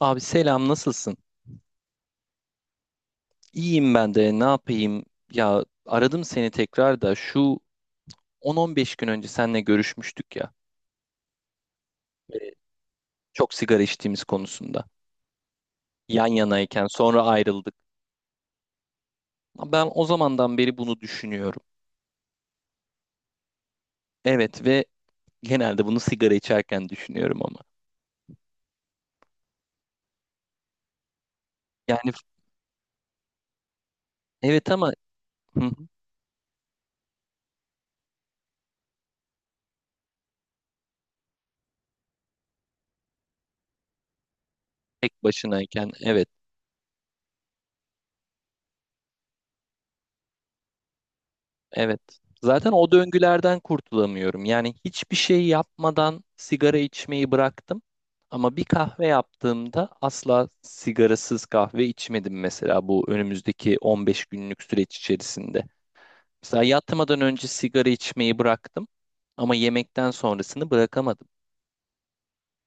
Abi selam, nasılsın? İyiyim, ben de ne yapayım? Ya aradım seni tekrar da şu 10-15 gün önce seninle görüşmüştük ya. e, Çok sigara içtiğimiz konusunda. Yan yanayken sonra ayrıldık. Ben o zamandan beri bunu düşünüyorum. Evet ve genelde bunu sigara içerken düşünüyorum ama. Yani evet ama hı hı, tek başınayken evet. Evet. Zaten o döngülerden kurtulamıyorum. Yani hiçbir şey yapmadan sigara içmeyi bıraktım. Ama bir kahve yaptığımda asla sigarasız kahve içmedim mesela bu önümüzdeki 15 günlük süreç içerisinde. Mesela yatmadan önce sigara içmeyi bıraktım ama yemekten sonrasını bırakamadım.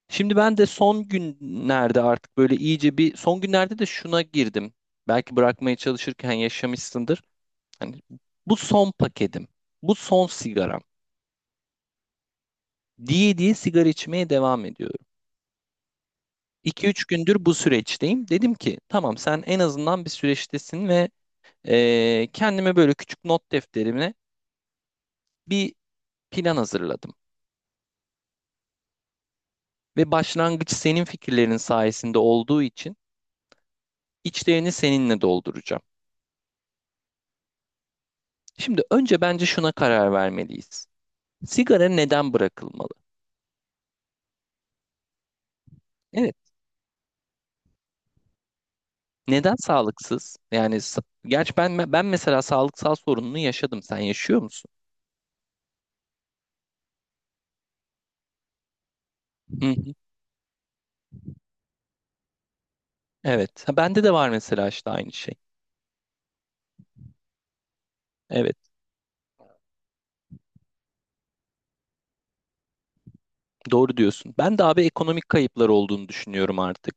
Şimdi ben de son günlerde artık böyle iyice bir son günlerde de şuna girdim. Belki bırakmaya çalışırken yaşamışsındır. Hani bu son paketim. Bu son sigaram. Diye diye sigara içmeye devam ediyorum. 2 üç gündür bu süreçteyim. Dedim ki tamam, sen en azından bir süreçtesin ve kendime böyle küçük not defterime bir plan hazırladım. Ve başlangıç senin fikirlerin sayesinde olduğu için içlerini seninle dolduracağım. Şimdi önce bence şuna karar vermeliyiz. Sigara neden bırakılmalı? Evet, neden sağlıksız? Yani gerçi ben mesela sağlıksal sorununu yaşadım. Sen yaşıyor musun? Hı hı. Evet. Ha, bende de var mesela işte aynı şey. Evet, doğru diyorsun. Ben de abi ekonomik kayıplar olduğunu düşünüyorum artık.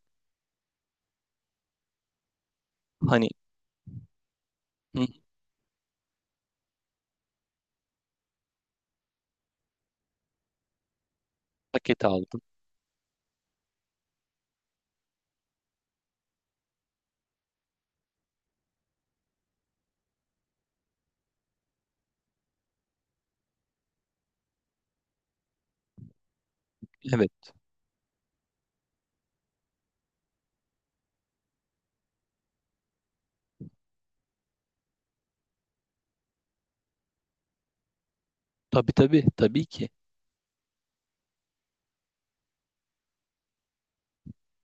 Hani hı, paket aldım. Evet, tabii tabii, tabii ki.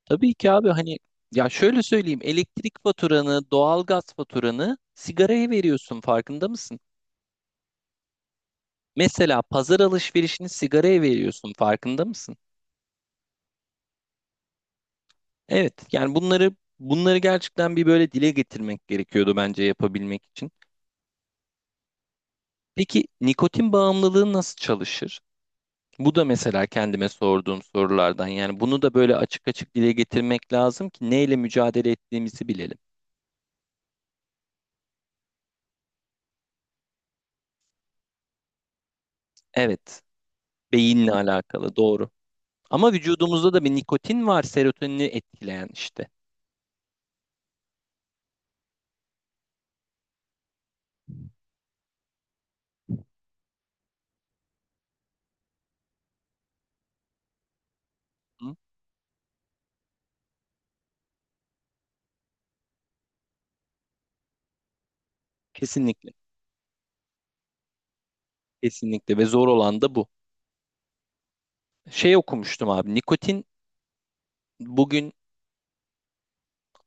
Tabii ki abi hani ya şöyle söyleyeyim, elektrik faturanı, doğalgaz faturanı sigaraya veriyorsun, farkında mısın? Mesela pazar alışverişini sigaraya veriyorsun, farkında mısın? Evet, yani bunları gerçekten bir böyle dile getirmek gerekiyordu bence yapabilmek için. Peki nikotin bağımlılığı nasıl çalışır? Bu da mesela kendime sorduğum sorulardan. Yani bunu da böyle açık açık dile getirmek lazım ki neyle mücadele ettiğimizi bilelim. Evet, beyinle alakalı, doğru. Ama vücudumuzda da bir nikotin var, serotonini etkileyen işte. Hı? Kesinlikle. Kesinlikle ve zor olan da bu. Şey okumuştum abi. Nikotin bugün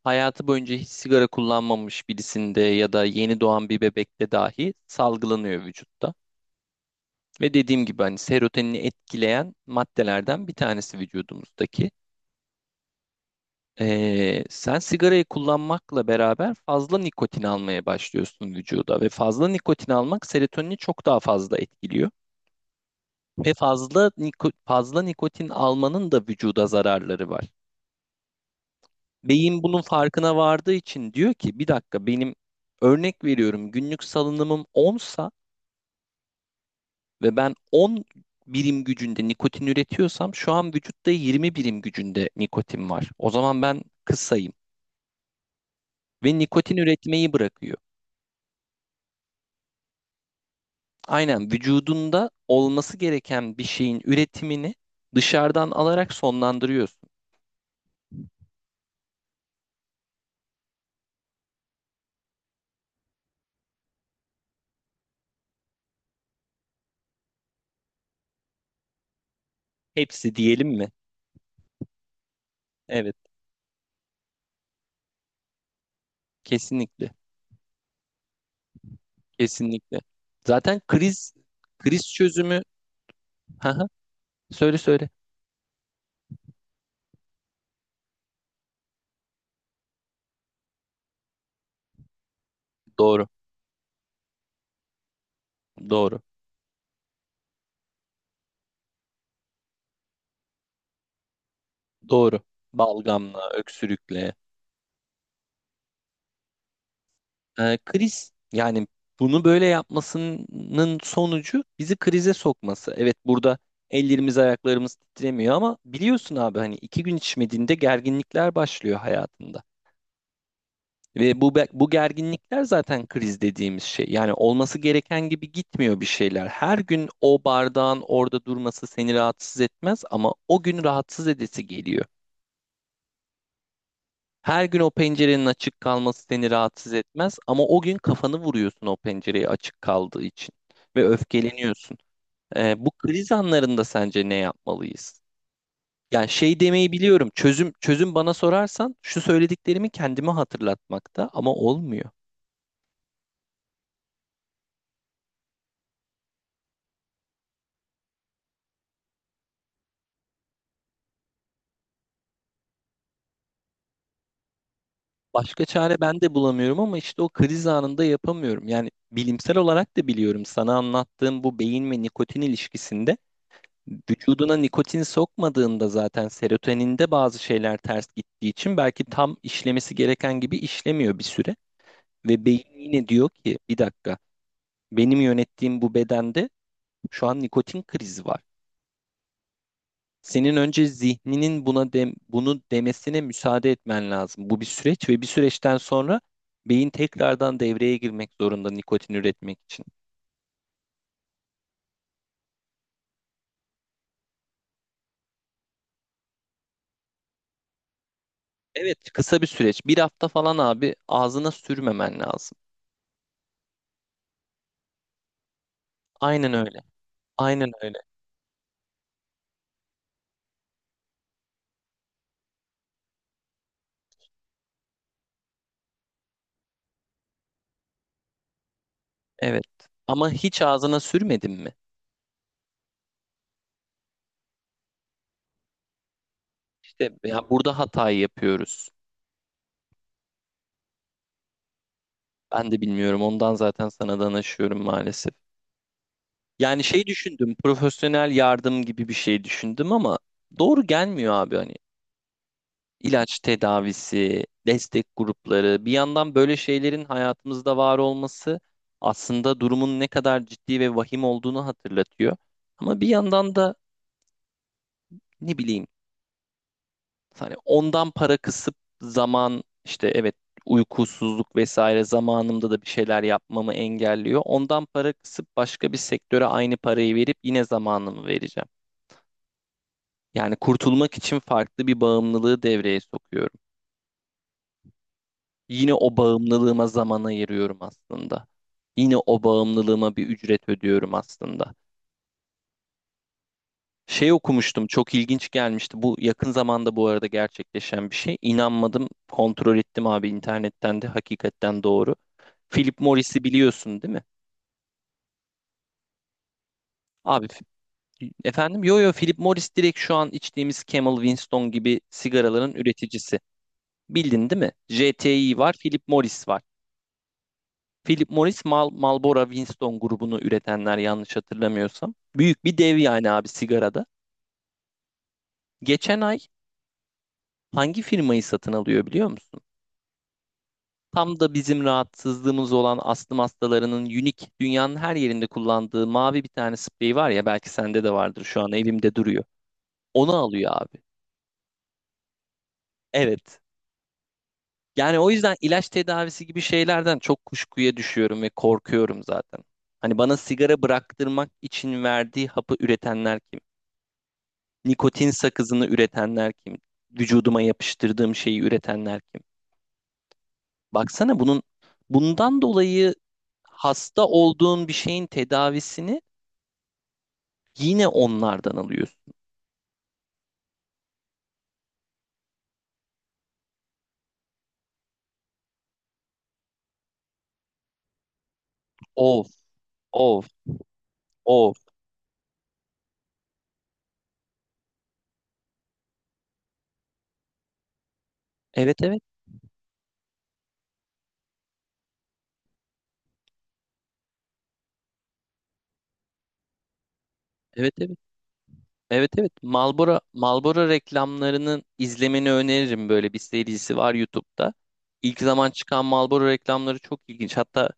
hayatı boyunca hiç sigara kullanmamış birisinde ya da yeni doğan bir bebekte dahi salgılanıyor vücutta. Ve dediğim gibi hani serotonini etkileyen maddelerden bir tanesi vücudumuzdaki. Sen sigarayı kullanmakla beraber fazla nikotin almaya başlıyorsun vücuda ve fazla nikotin almak serotonini çok daha fazla etkiliyor. Ve fazla nikotin almanın da vücuda zararları var. Beyin bunun farkına vardığı için diyor ki bir dakika, benim örnek veriyorum günlük salınımım 10 ve ben 10 birim gücünde nikotin üretiyorsam şu an vücutta 20 birim gücünde nikotin var. O zaman ben kısayım ve nikotin üretmeyi bırakıyor. Aynen, vücudunda olması gereken bir şeyin üretimini dışarıdan alarak sonlandırıyorsun. Hepsi diyelim mi? Evet, kesinlikle. Kesinlikle. Zaten kriz çözümü Haha, söyle söyle. Doğru. Doğru. Doğru. Balgamla, öksürükle. Kriz yani bunu böyle yapmasının sonucu bizi krize sokması. Evet, burada ellerimiz ayaklarımız titremiyor ama biliyorsun abi hani iki gün içmediğinde gerginlikler başlıyor hayatında. Ve bu gerginlikler zaten kriz dediğimiz şey. Yani olması gereken gibi gitmiyor bir şeyler. Her gün o bardağın orada durması seni rahatsız etmez ama o gün rahatsız edesi geliyor. Her gün o pencerenin açık kalması seni rahatsız etmez ama o gün kafanı vuruyorsun o pencereye açık kaldığı için ve öfkeleniyorsun. Bu kriz anlarında sence ne yapmalıyız? Yani şey demeyi biliyorum. Çözüm bana sorarsan şu söylediklerimi kendime hatırlatmakta, ama olmuyor. Başka çare ben de bulamıyorum ama işte o kriz anında yapamıyorum. Yani bilimsel olarak da biliyorum, sana anlattığım bu beyin ve nikotin ilişkisinde vücuduna nikotin sokmadığında zaten serotoninde bazı şeyler ters gittiği için belki tam işlemesi gereken gibi işlemiyor bir süre. Ve beyin yine diyor ki bir dakika, benim yönettiğim bu bedende şu an nikotin krizi var. Senin önce zihninin buna bunu demesine müsaade etmen lazım. Bu bir süreç ve bir süreçten sonra beyin tekrardan devreye girmek zorunda nikotin üretmek için. Evet, kısa bir süreç. Bir hafta falan abi ağzına sürmemen lazım. Aynen öyle. Aynen öyle. Evet. Ama hiç ağzına sürmedin mi? İşte ya burada hatayı yapıyoruz. Ben de bilmiyorum. Ondan zaten sana danışıyorum maalesef. Yani şey düşündüm. Profesyonel yardım gibi bir şey düşündüm ama doğru gelmiyor abi hani. İlaç tedavisi, destek grupları, bir yandan böyle şeylerin hayatımızda var olması aslında durumun ne kadar ciddi ve vahim olduğunu hatırlatıyor. Ama bir yandan da ne bileyim, hani ondan para kısıp zaman işte evet uykusuzluk vesaire zamanımda da bir şeyler yapmamı engelliyor. Ondan para kısıp başka bir sektöre aynı parayı verip yine zamanımı vereceğim. Yani kurtulmak için farklı bir bağımlılığı devreye sokuyorum. Yine o bağımlılığıma zaman ayırıyorum aslında. Yine o bağımlılığıma bir ücret ödüyorum aslında. Şey okumuştum, çok ilginç gelmişti. Bu yakın zamanda bu arada gerçekleşen bir şey. İnanmadım, kontrol ettim abi internetten de, hakikaten doğru. Philip Morris'i biliyorsun değil mi? Abi efendim, yo yo, Philip Morris direkt şu an içtiğimiz Camel Winston gibi sigaraların üreticisi. Bildin değil mi? JTI var, Philip Morris var. Philip Morris Marlboro Winston grubunu üretenler yanlış hatırlamıyorsam. Büyük bir dev yani abi sigarada. Geçen ay hangi firmayı satın alıyor biliyor musun? Tam da bizim rahatsızlığımız olan astım hastalarının unik dünyanın her yerinde kullandığı mavi bir tane sprey var ya, belki sende de vardır, şu an evimde duruyor. Onu alıyor abi. Evet. Yani o yüzden ilaç tedavisi gibi şeylerden çok kuşkuya düşüyorum ve korkuyorum zaten. Hani bana sigara bıraktırmak için verdiği hapı üretenler kim? Nikotin sakızını üretenler kim? Vücuduma yapıştırdığım şeyi üretenler kim? Baksana bunun bundan dolayı hasta olduğun bir şeyin tedavisini yine onlardan alıyorsun. Of, of, of. Evet, evet, evet, evet. Evet evet, Marlboro reklamlarının izlemeni öneririm, böyle bir serisi var YouTube'da. İlk zaman çıkan Marlboro reklamları çok ilginç. Hatta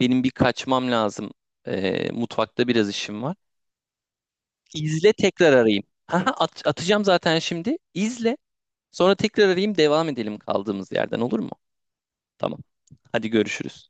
benim bir kaçmam lazım. Mutfakta biraz işim var. İzle, tekrar arayayım. Haha, at, atacağım zaten şimdi. İzle. Sonra tekrar arayayım, devam edelim kaldığımız yerden, olur mu? Tamam. Hadi görüşürüz.